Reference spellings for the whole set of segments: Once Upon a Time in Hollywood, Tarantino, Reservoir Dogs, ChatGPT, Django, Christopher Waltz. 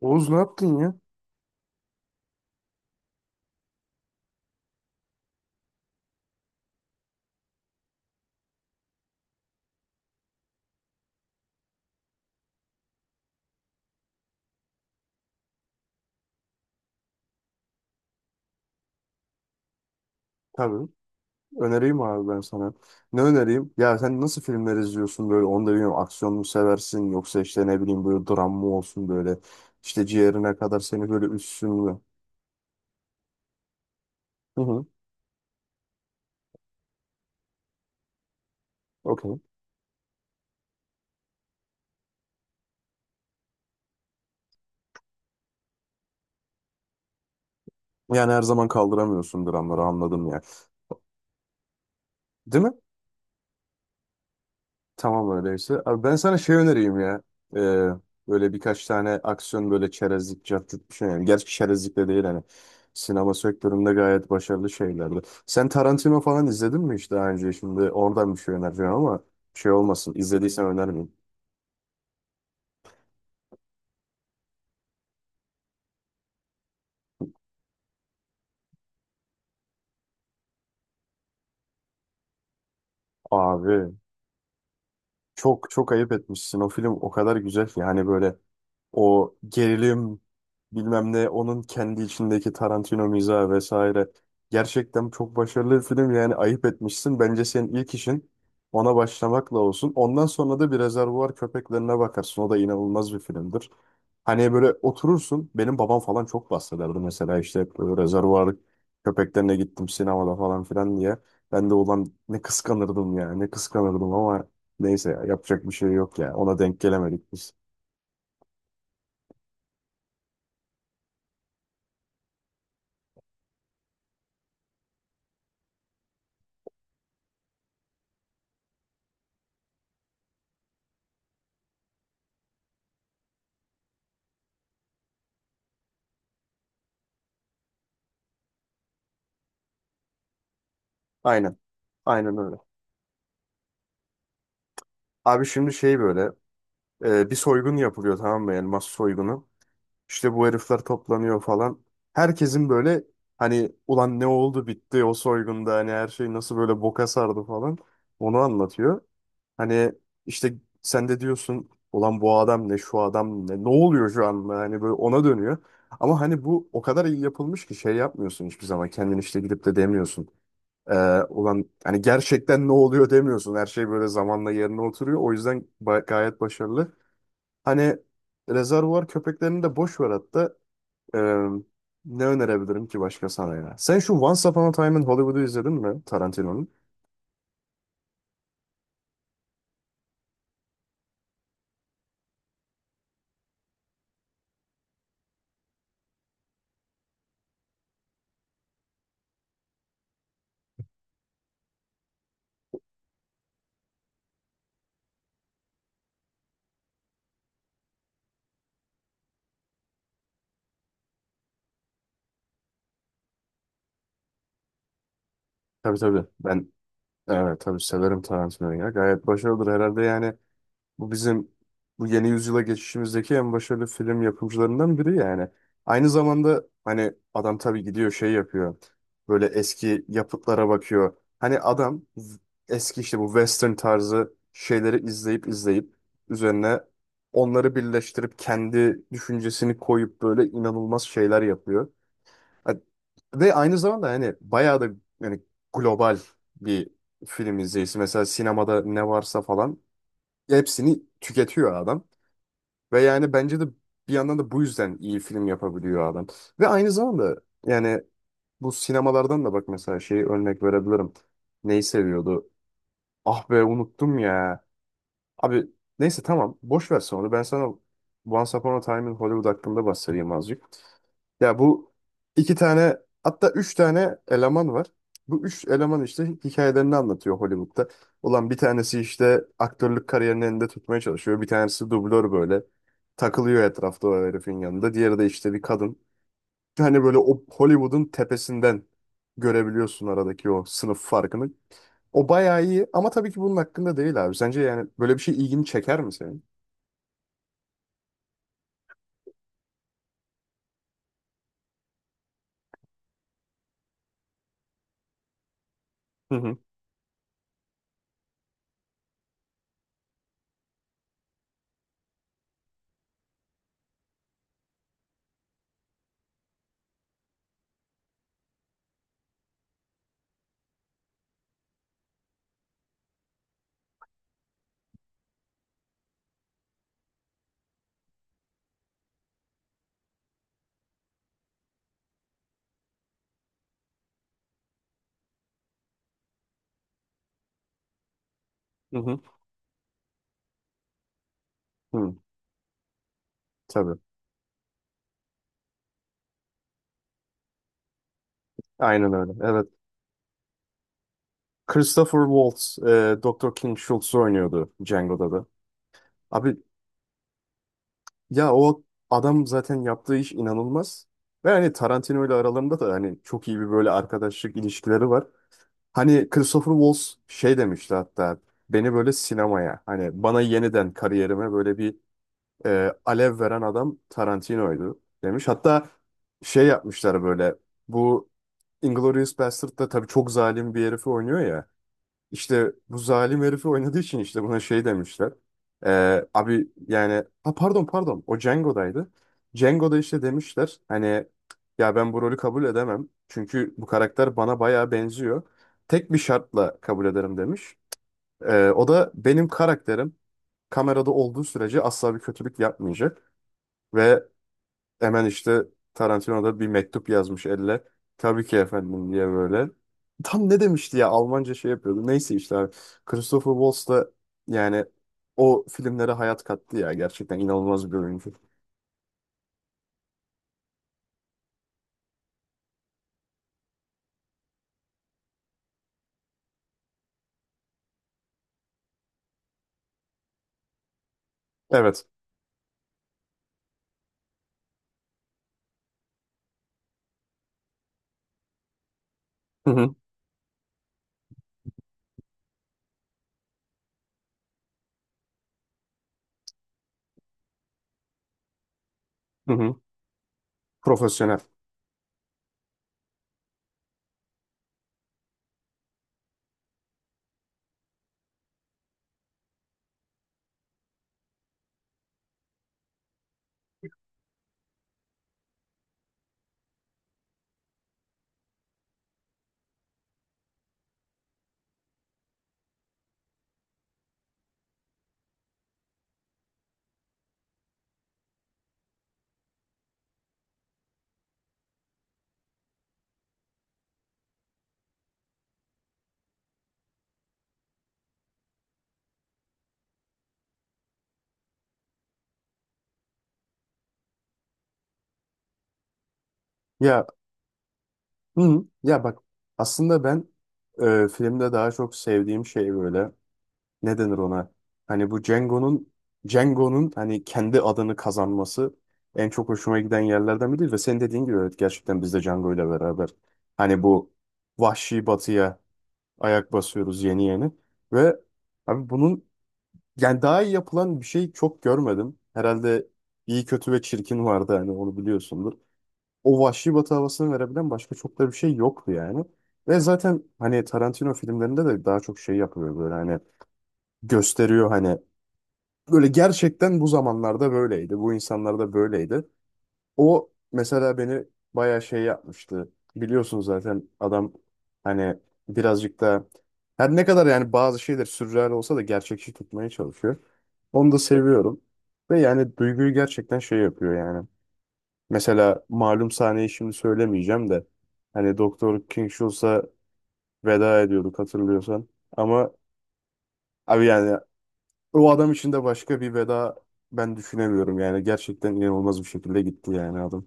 Oğuz ne yaptın ya? Tabii. Önereyim abi ben sana. Ne önereyim? Ya sen nasıl filmler izliyorsun böyle, onu da bilmiyorum. Aksiyon mu seversin, yoksa işte ne bileyim, böyle dram mı olsun böyle? İşte ciğerine kadar seni böyle üssün mü? Hı hı. Okey. Yani her zaman kaldıramıyorsun dramları, anladım ya. Değil mi? Tamam öyleyse. Abi ben sana şey önereyim ya. Ee, Böyle birkaç tane aksiyon, böyle çerezlik, cartçuk bir şey. Yani. Gerçi çerezlik de değil hani. Sinema sektöründe gayet başarılı şeylerdi. Sen Tarantino falan izledin mi hiç daha önce? Şimdi oradan bir şey önereceğim ama şey olmasın. İzlediysen önermeyeyim. Abi çok çok ayıp etmişsin. O film o kadar güzel ki. Hani böyle o gerilim, bilmem ne, onun kendi içindeki Tarantino mizahı vesaire. Gerçekten çok başarılı bir film yani, ayıp etmişsin. Bence senin ilk işin ona başlamakla olsun. Ondan sonra da bir Rezervuar Köpeklerine bakarsın. O da inanılmaz bir filmdir. Hani böyle oturursun. Benim babam falan çok bahsederdi mesela, işte hep böyle Rezervuar Köpeklerine gittim sinemada falan filan diye. Ben de ulan ne kıskanırdım ya, ne kıskanırdım ama neyse ya, yapacak bir şey yok ya. Ona denk gelemedik biz. Aynen. Aynen öyle. Abi şimdi şey böyle, bir soygun yapılıyor, tamam mı? Yani mas soygunu. İşte bu herifler toplanıyor falan. Herkesin böyle hani, ulan ne oldu bitti o soygunda, hani her şey nasıl böyle boka sardı falan. Onu anlatıyor. Hani işte sen de diyorsun, ulan bu adam ne, şu adam ne, ne oluyor şu anda, hani böyle ona dönüyor. Ama hani bu o kadar iyi yapılmış ki şey yapmıyorsun, hiçbir zaman kendini işte gidip de demiyorsun. Ee, Ulan hani gerçekten ne oluyor demiyorsun. Her şey böyle zamanla yerine oturuyor. O yüzden gayet başarılı. Hani rezervuar köpeklerini de boş ver hatta. Ee, Ne önerebilirim ki başka sana ya? Sen şu Once Upon a Time in Hollywood'u izledin mi, Tarantino'nun? Tabii tabii. Ben, evet, tabii severim Tarantino'yu ya. Gayet başarılıdır herhalde yani. Bu bizim bu yeni yüzyıla geçişimizdeki en başarılı film yapımcılarından biri yani. Aynı zamanda hani adam tabii gidiyor şey yapıyor. Böyle eski yapıtlara bakıyor. Hani adam eski işte bu western tarzı şeyleri izleyip izleyip üzerine onları birleştirip kendi düşüncesini koyup böyle inanılmaz şeyler yapıyor. Ha- Ve aynı zamanda hani bayağı da, yani, global bir film izleyicisi. Mesela sinemada ne varsa falan hepsini tüketiyor adam. Ve yani bence de bir yandan da bu yüzden iyi film yapabiliyor adam. Ve aynı zamanda, yani, bu sinemalardan da bak, mesela şeyi örnek verebilirim. Neyi seviyordu? Ah be unuttum ya. Abi neyse tamam, boş ver onu. Ben sana Once Upon a Time in Hollywood hakkında bahsedeyim azıcık. Ya bu iki tane, hatta üç tane eleman var. Bu üç eleman işte hikayelerini anlatıyor Hollywood'da. Ulan bir tanesi işte aktörlük kariyerini elinde tutmaya çalışıyor. Bir tanesi dublör, böyle takılıyor etrafta o herifin yanında. Diğeri de işte bir kadın. Hani böyle o Hollywood'un tepesinden görebiliyorsun aradaki o sınıf farkını. O bayağı iyi ama tabii ki bunun hakkında değil abi. Sence yani böyle bir şey ilgini çeker mi senin? Hı hı, hı hı. Hı, tabii. Aynen öyle. Evet. Christopher Waltz, Dr. King Schultz'u oynuyordu Django'da da. Abi ya o adam zaten yaptığı iş inanılmaz. Ve hani Tarantino ile aralarında da hani çok iyi bir böyle arkadaşlık ilişkileri var. Hani Christopher Waltz şey demişti hatta, beni böyle sinemaya, hani bana yeniden kariyerime böyle bir alev veren adam Tarantino'ydu demiş. Hatta şey yapmışlar böyle, bu Inglourious Basterd'da tabii çok zalim bir herifi oynuyor ya. İşte bu zalim herifi oynadığı için işte buna şey demişler. Abi yani, ha pardon pardon, o Django'daydı. Django'da işte demişler hani, ya ben bu rolü kabul edemem. Çünkü bu karakter bana bayağı benziyor. Tek bir şartla kabul ederim demiş. O da, benim karakterim kamerada olduğu sürece asla bir kötülük yapmayacak. Ve hemen işte Tarantino da bir mektup yazmış elle. Tabii ki efendim diye böyle. Tam ne demişti ya, Almanca şey yapıyordu. Neyse işte abi. Christopher Waltz da, yani, o filmlere hayat kattı ya. Gerçekten inanılmaz bir oyuncu. Evet. Hı hı. Hı hı. Profesyonel. Ya, hı hı. Ya bak, aslında ben filmde daha çok sevdiğim şey böyle. Ne denir ona? Hani bu Django'nun hani kendi adını kazanması en çok hoşuma giden yerlerden biri, ve senin dediğin gibi, evet, gerçekten biz de Django ile beraber hani bu vahşi batıya ayak basıyoruz yeni yeni. Ve abi bunun, yani, daha iyi yapılan bir şey çok görmedim. Herhalde iyi kötü ve çirkin vardı, hani onu biliyorsundur. O vahşi batı havasını verebilen başka çok da bir şey yoktu yani. Ve zaten hani Tarantino filmlerinde de daha çok şey yapıyor böyle, hani gösteriyor, hani böyle gerçekten bu zamanlarda böyleydi. Bu insanlarda böyleydi. O mesela beni bayağı şey yapmıştı. Biliyorsun zaten adam hani birazcık da, her ne kadar yani bazı şeyler sürreal olsa da gerçekçi tutmaya çalışıyor. Onu da seviyorum. Ve yani duyguyu gerçekten şey yapıyor yani. Mesela malum sahneyi şimdi söylemeyeceğim de, hani Doktor King Schultz'a veda ediyorduk hatırlıyorsan. Ama abi yani, o adam için de başka bir veda ben düşünemiyorum yani. Gerçekten inanılmaz bir şekilde gitti yani adam.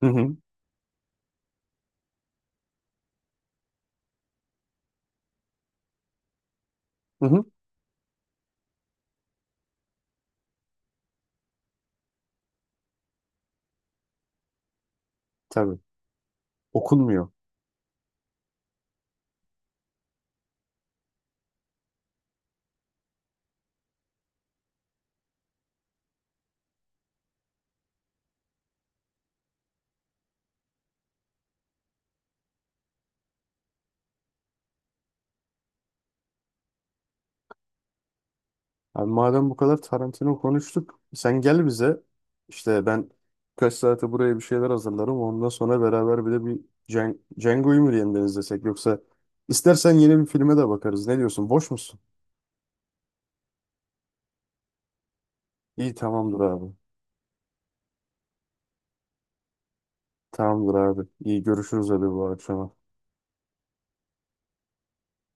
Hı hı. Hı hı. Tabii. Okunmuyor. Abi madem bu kadar Tarantino konuştuk, sen gel bize. İşte ben kaç saate buraya bir şeyler hazırlarım. Ondan sonra beraber bir de bir Django'yu mu yeniden izlesek, yoksa istersen yeni bir filme de bakarız. Ne diyorsun? Boş musun? İyi, tamamdır abi. Tamamdır abi. İyi görüşürüz abi, bu akşama.